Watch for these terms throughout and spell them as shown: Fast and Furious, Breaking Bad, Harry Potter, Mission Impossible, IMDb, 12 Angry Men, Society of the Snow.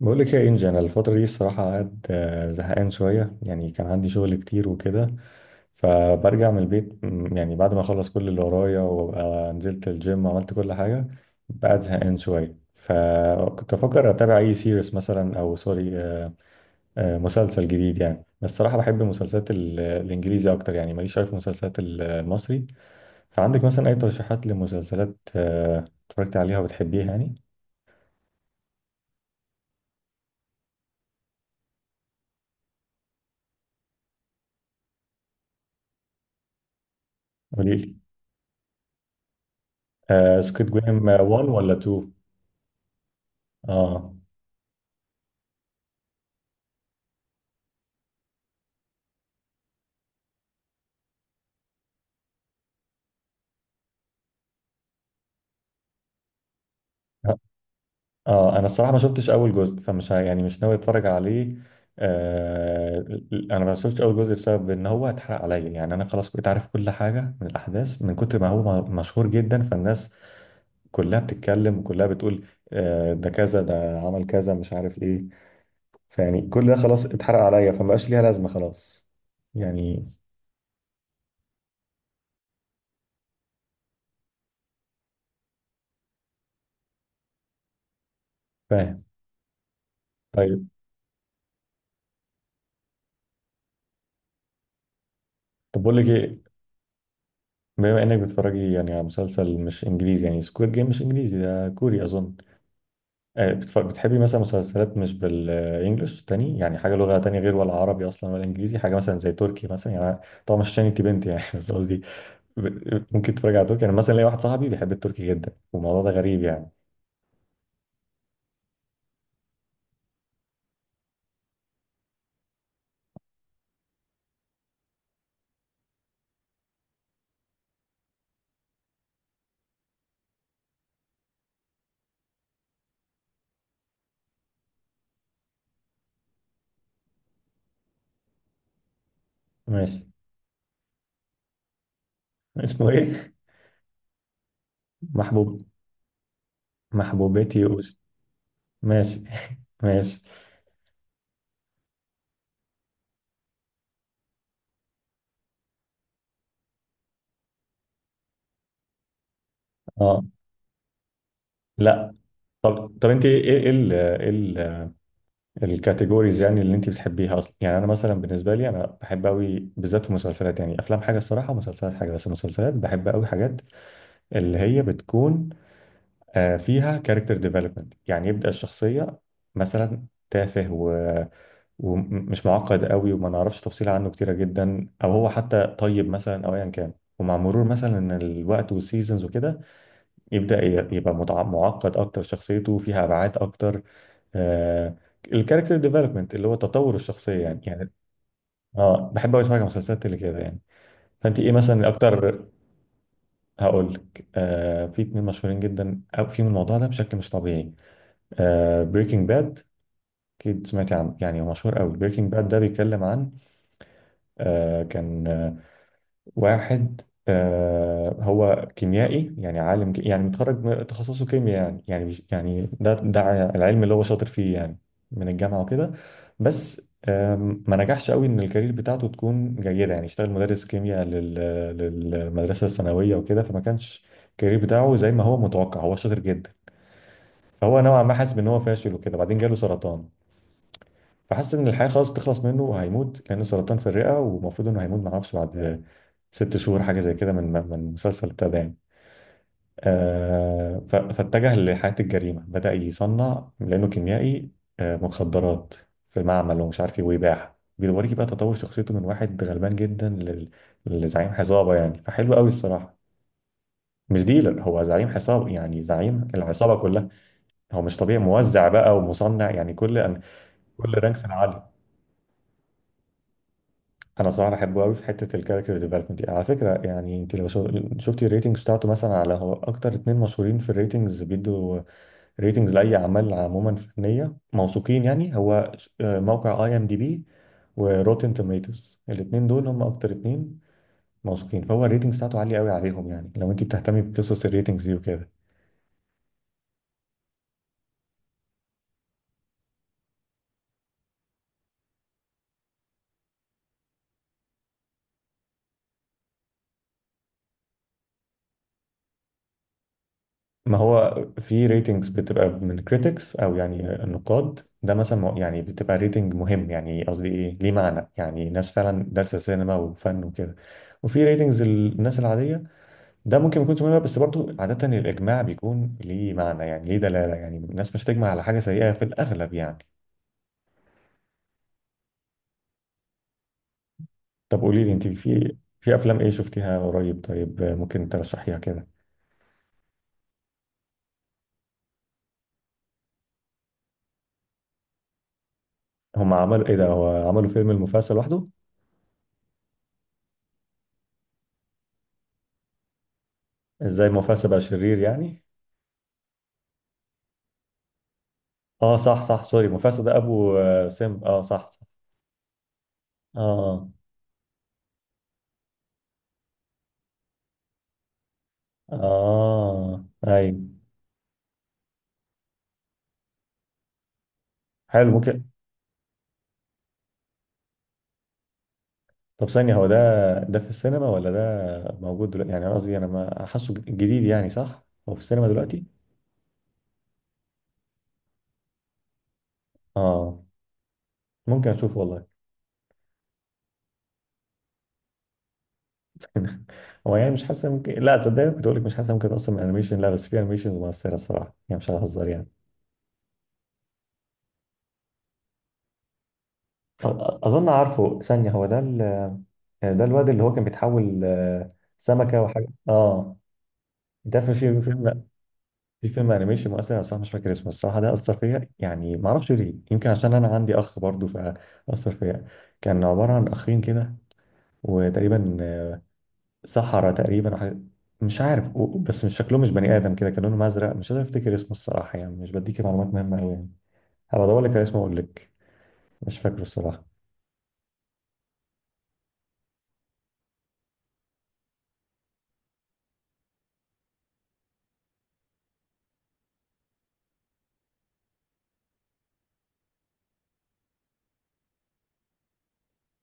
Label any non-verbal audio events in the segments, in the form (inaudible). بقول لك يا انجي، انا الفتره دي الصراحه قاعد زهقان شويه. يعني كان عندي شغل كتير وكده، فبرجع من البيت يعني بعد ما اخلص كل اللي ورايا وابقى نزلت الجيم وعملت كل حاجه، بقعد زهقان شويه. فكنت بفكر اتابع اي سيريس مثلا، او سوري، مسلسل جديد يعني. بس الصراحه بحب المسلسلات الانجليزي اكتر، يعني ماليش شايف مسلسلات المصري. فعندك مثلا اي ترشيحات لمسلسلات اتفرجت عليها وبتحبيها يعني؟ قولي لي، سكوت جيم 1 ولا 2؟ اه. اه، انا الصراحه ما شفتش اول جزء، فمش يعني مش ناوي اتفرج عليه. آه انا ما شفتش اول جزء بسبب ان هو اتحرق عليا. يعني انا خلاص كنت عارف كل حاجه من الاحداث، من كتر ما هو مشهور جدا، فالناس كلها بتتكلم وكلها بتقول آه ده كذا، ده عمل كذا، مش عارف ايه. فيعني كل ده خلاص اتحرق عليا، فما بقاش ليها لازمه خلاص يعني. فاهم. طيب. طب بقول لك ايه، بما انك بتتفرجي يعني على مسلسل مش انجليزي، يعني سكويد جيم مش انجليزي، ده كوري اظن. بتحبي مثلا مسلسلات مش بالانجلش تاني؟ يعني حاجه لغه تانية، غير ولا عربي اصلا ولا انجليزي، حاجه مثلا زي تركي مثلا يعني. طبعا مش عشان انت بنت يعني (laughs) بس قصدي ممكن تتفرج على تركي. انا مثلا ليا واحد صاحبي بيحب التركي جدا، والموضوع ده غريب يعني. ماشي. اسمه ايه؟ (laughs) محبوب. محبوبتي أوش. ماشي (laughs) ماشي. اه، لا. طب طب انت ايه، ايه ال ايه ال- الكاتيجوريز يعني اللي انت بتحبيها اصلا؟ يعني انا مثلا بالنسبه لي انا بحب قوي بالذات في المسلسلات. يعني افلام حاجه الصراحه ومسلسلات حاجه، بس المسلسلات بحب قوي حاجات اللي هي بتكون فيها كاركتر ديفلوبمنت. يعني يبدأ الشخصية مثلا تافه، و... ومش معقد قوي وما نعرفش تفصيل عنه كتيرة جدا، او هو حتى طيب مثلا او ايا كان، ومع مرور مثلا الوقت والسيزونز وكده، يبدأ يبقى معقد اكتر، شخصيته فيها ابعاد اكتر. آه الكاركتر ديفلوبمنت اللي هو تطور الشخصية يعني يعني. اه بحب أوي اتفرج على مسلسلات اللي كده يعني. فانت ايه مثلا اكتر؟ هقول لك، في اتنين مشهورين جدا، أو فيهم الموضوع ده بشكل مش طبيعي. بريكنج باد، أكيد سمعتي عنه يعني، هو مشهور قوي. بريكنج باد ده بيتكلم عن آه كان آه، واحد، هو كيميائي، يعني عالم يعني متخرج من تخصصه كيمياء يعني، يعني يعني ده العلم اللي هو شاطر فيه يعني، من الجامعة وكده. بس ما نجحش قوي ان الكارير بتاعته تكون جيدة. يعني اشتغل مدرس كيمياء للمدرسة الثانوية وكده، فما كانش الكارير بتاعه زي ما هو متوقع، هو شاطر جدا. فهو نوعا ما حاسس ان هو فاشل وكده. بعدين جاله سرطان، فحس ان الحياه خلاص بتخلص منه وهيموت، لانه سرطان في الرئه ومفروض انه هيموت، معرفش بعد ست شهور حاجه زي كده من المسلسل ابتدى يعني. فاتجه لحياه الجريمه. بدا يصنع، لانه كيميائي، مخدرات في معمل ومش عارف ايه، ويباعها. بيوريكي بقى تطور شخصيته، من واحد غلبان جدا لزعيم عصابه يعني، فحلو قوي الصراحه. مش ديلر، هو زعيم عصابه، يعني زعيم العصابه كلها. هو مش طبيعي، موزع بقى ومصنع، يعني كل رانكس العالي. انا صراحه بحبه قوي في حته الكاركتر ديفلوبمنت دي على فكره. يعني انت لو شفتي الريتنجز بتاعته مثلا، على هو اكتر اتنين مشهورين في الريتنجز بيدوا ريتنجز لاي اعمال عموما فنيه، موثوقين يعني. هو موقع اي ام دي بي وروتن توميتوز، الاتنين دول هم اكتر اتنين موثوقين. فهو الريتنجز بتاعته عاليه قوي عليهم، يعني لو انت بتهتمي بقصص الريتنجز دي وكده. ما هو في ريتنجز بتبقى من كريتكس، او يعني النقاد ده مثلا، يعني بتبقى ريتنج مهم يعني، قصدي ايه ليه معنى يعني، ناس فعلا دارسه سينما وفن وكده. وفي ريتنجز الناس العاديه، ده ممكن ما يكونش مهم، بس برضو عاده الاجماع بيكون ليه معنى يعني ليه دلاله، يعني الناس مش تجمع على حاجه سيئه في الاغلب يعني. طب قولي لي، انت في افلام ايه شفتيها قريب، طيب، ممكن ترشحيها كده؟ هم عملوا ايه ده، هو عملوا فيلم المفاسة لوحده؟ ازاي المفاسة بقى شرير يعني؟ اه صح صح، سوري، مفاسد ده ابو سم، اه صح صح. اه. اه ايوه. حلو، ممكن. طب ثانية، هو ده ده في السينما ولا ده موجود دلوقتي؟ يعني أنا قصدي انا ما حاسه جديد يعني، صح هو في السينما دلوقتي؟ اه، ممكن اشوفه والله. (laughs) هو يعني مش حاسس ممكن، لا تصدقني كنت اقول لك مش حاسس ممكن اصلا من انيميشن، لا بس في انيميشنز مؤثرة الصراحة يعني، مش ههزر يعني. أ- اظن عارفه، ثانية هو ده ال... آه، ده الواد اللي هو كان بيتحول سمكة وحاجة، اه. ده في فيلم انيميشن مؤثر، انا بصراحه مش فاكر اسمه الصراحه. ده اثر فيا يعني، ما اعرفش ليه، يمكن عشان انا عندي اخ برضه فاثر فيا. كان عباره عن اخين كده، وتقريبا سحرة تقريبا، أو مش عارف بس مش شكلهم مش بني ادم كده، كان لونهم ازرق. مش قادر افتكر اسمه الصراحه، يعني مش بديكي معلومات مهمه قوي يعني. هبقى ادور لك على اسمه واقول لك، مش فاكره الصراحه.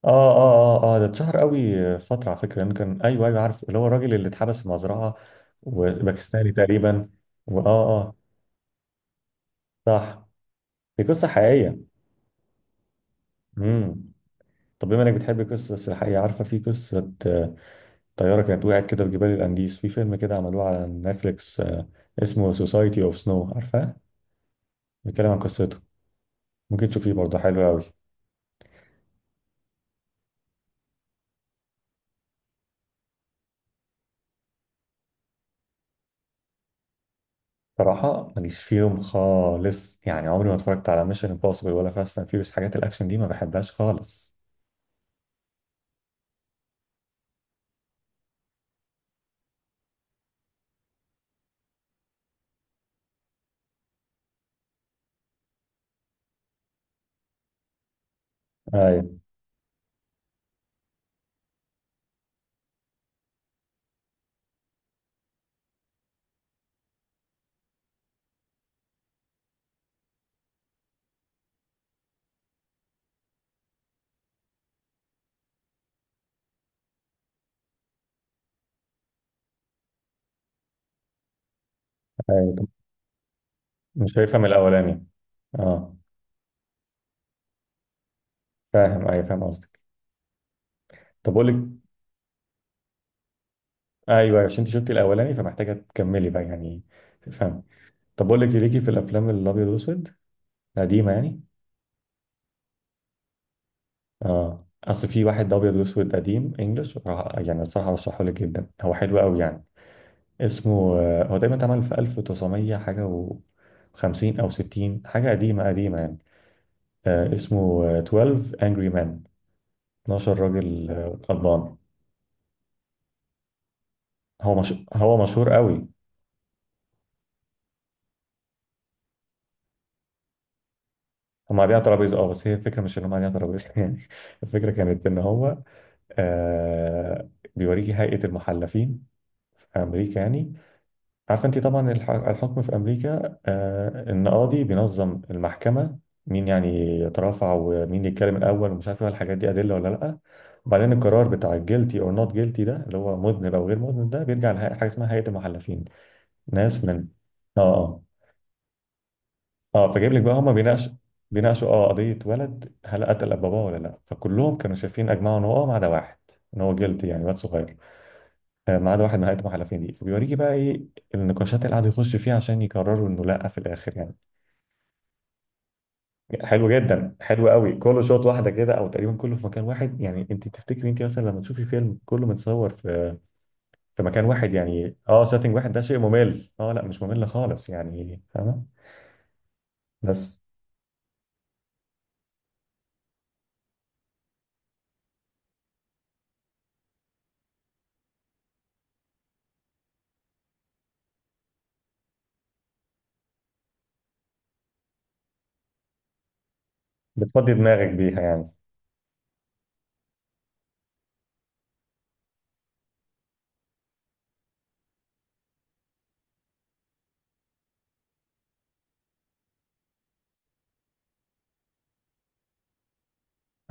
اه اه اه اه، ده اتشهر قوي فتره على فكره، لانه كان، ايوه ايوه عارف، اللي هو الراجل اللي اتحبس في مزرعه وباكستاني تقريبا. واه اه. آه، صح، دي قصه حقيقيه. امم. طب، بما انك بتحب القصص السلاحية، عارفة في قصة طيارة كانت وقعت كده في جبال الأنديز، في فيلم كده عملوه على نتفليكس، اسمه سوسايتي اوف سنو، عارفاه؟ بيتكلم عن قصته، ممكن تشوفيه برضه، حلو قوي. صراحة ماليش فيهم خالص يعني، عمري ما اتفرجت على ميشن امبوسيبل ولا فاست اند فيوريوس، حاجات الأكشن دي ما بحبهاش خالص. ايوه. ايوه. طب مش شايفها من الأولاني. اه فاهم، ايوه فاهم قصدك. طب أقول لك، ايوه عشان انت شفتي الأولاني فمحتاجة تكملي بقى يعني. طب بقول لك إيه، ليكي في الافلام الابيض واسود قديمه يعني؟ اه اصل في واحد ابيض واسود قديم انجلش، يعني الصراحه ارشحه لك جدا، هو حلو قوي يعني. اسمه هو تقريبا اتعمل في 1900 حاجه و50 او 60، حاجه قديمه قديمه يعني. اسمه 12 Angry Men، 12 راجل غضبان. هو مش... هو مشهور قوي. هم قاعدين على ترابيزه، اه، بس هي الفكره مش ان هم قاعدين على ترابيزه (laughs) يعني. الفكره كانت ان هو آه بيوريكي هيئه المحلفين في امريكا يعني. عارفه انت طبعا الحكم في امريكا، القاضي بينظم المحكمه، مين يعني يترافع، ومين يتكلم الاول، ومش عارف ايه الحاجات دي، ادله ولا لا. وبعدين القرار بتاع guilty or not guilty ده، اللي هو مذنب او غير مذنب، ده بيرجع لحاجه، حاجة اسمها هيئه المحلفين، ناس من، اه اه اه. فجايب لك بقى، هم بيناقشوا اه قضيه ولد، هل قتل باباه ولا لا. فكلهم كانوا شايفين، اجمعوا ان هو اه، ما عدا واحد، ان هو guilty يعني، واد صغير. ما عدا واحد نهايته محلفين دي. فبيوريكي بقى ايه النقاشات اللي قعدوا يخشوا فيها عشان يقرروا انه لا في الاخر يعني. حلو جدا، حلو قوي، كله شوط واحده كده، او تقريبا كله في مكان واحد يعني. انت تفتكري، انت مثلا لما تشوفي فيلم كله متصور في مكان واحد يعني، اه سيتنج واحد، ده شيء ممل؟ اه لا مش ممل خالص يعني، فاهمه، بس بتفضي دماغك بيها يعني.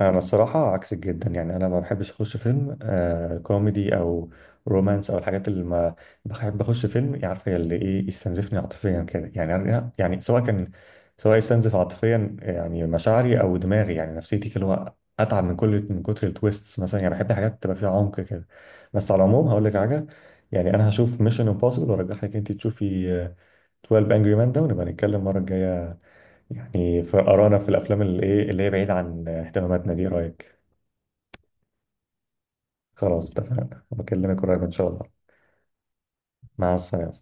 انا الصراحه عكسك جدا، يعني انا ما بحبش اخش فيلم كوميدي او رومانس او الحاجات اللي ما، بحب اخش فيلم يعني عارفه اللي ايه يستنزفني عاطفيا كده يعني. يعني سواء كان، سواء يستنزف عاطفيا يعني مشاعري، او دماغي يعني نفسيتي، اللي هو اتعب من من كتر التويستس مثلا يعني. بحب حاجات تبقى فيها عمق كده. بس على العموم هقول لك حاجه، يعني انا هشوف ميشن امبوسيبل، وارجح لك انت تشوفي 12 انجري مان ده، ونبقى نتكلم المره الجايه يعني، فقرانا في الافلام اللي ايه اللي هي بعيد عن اهتماماتنا دي، إيه رايك؟ خلاص اتفقنا، بكلمك قريب ان شاء الله. مع السلامه.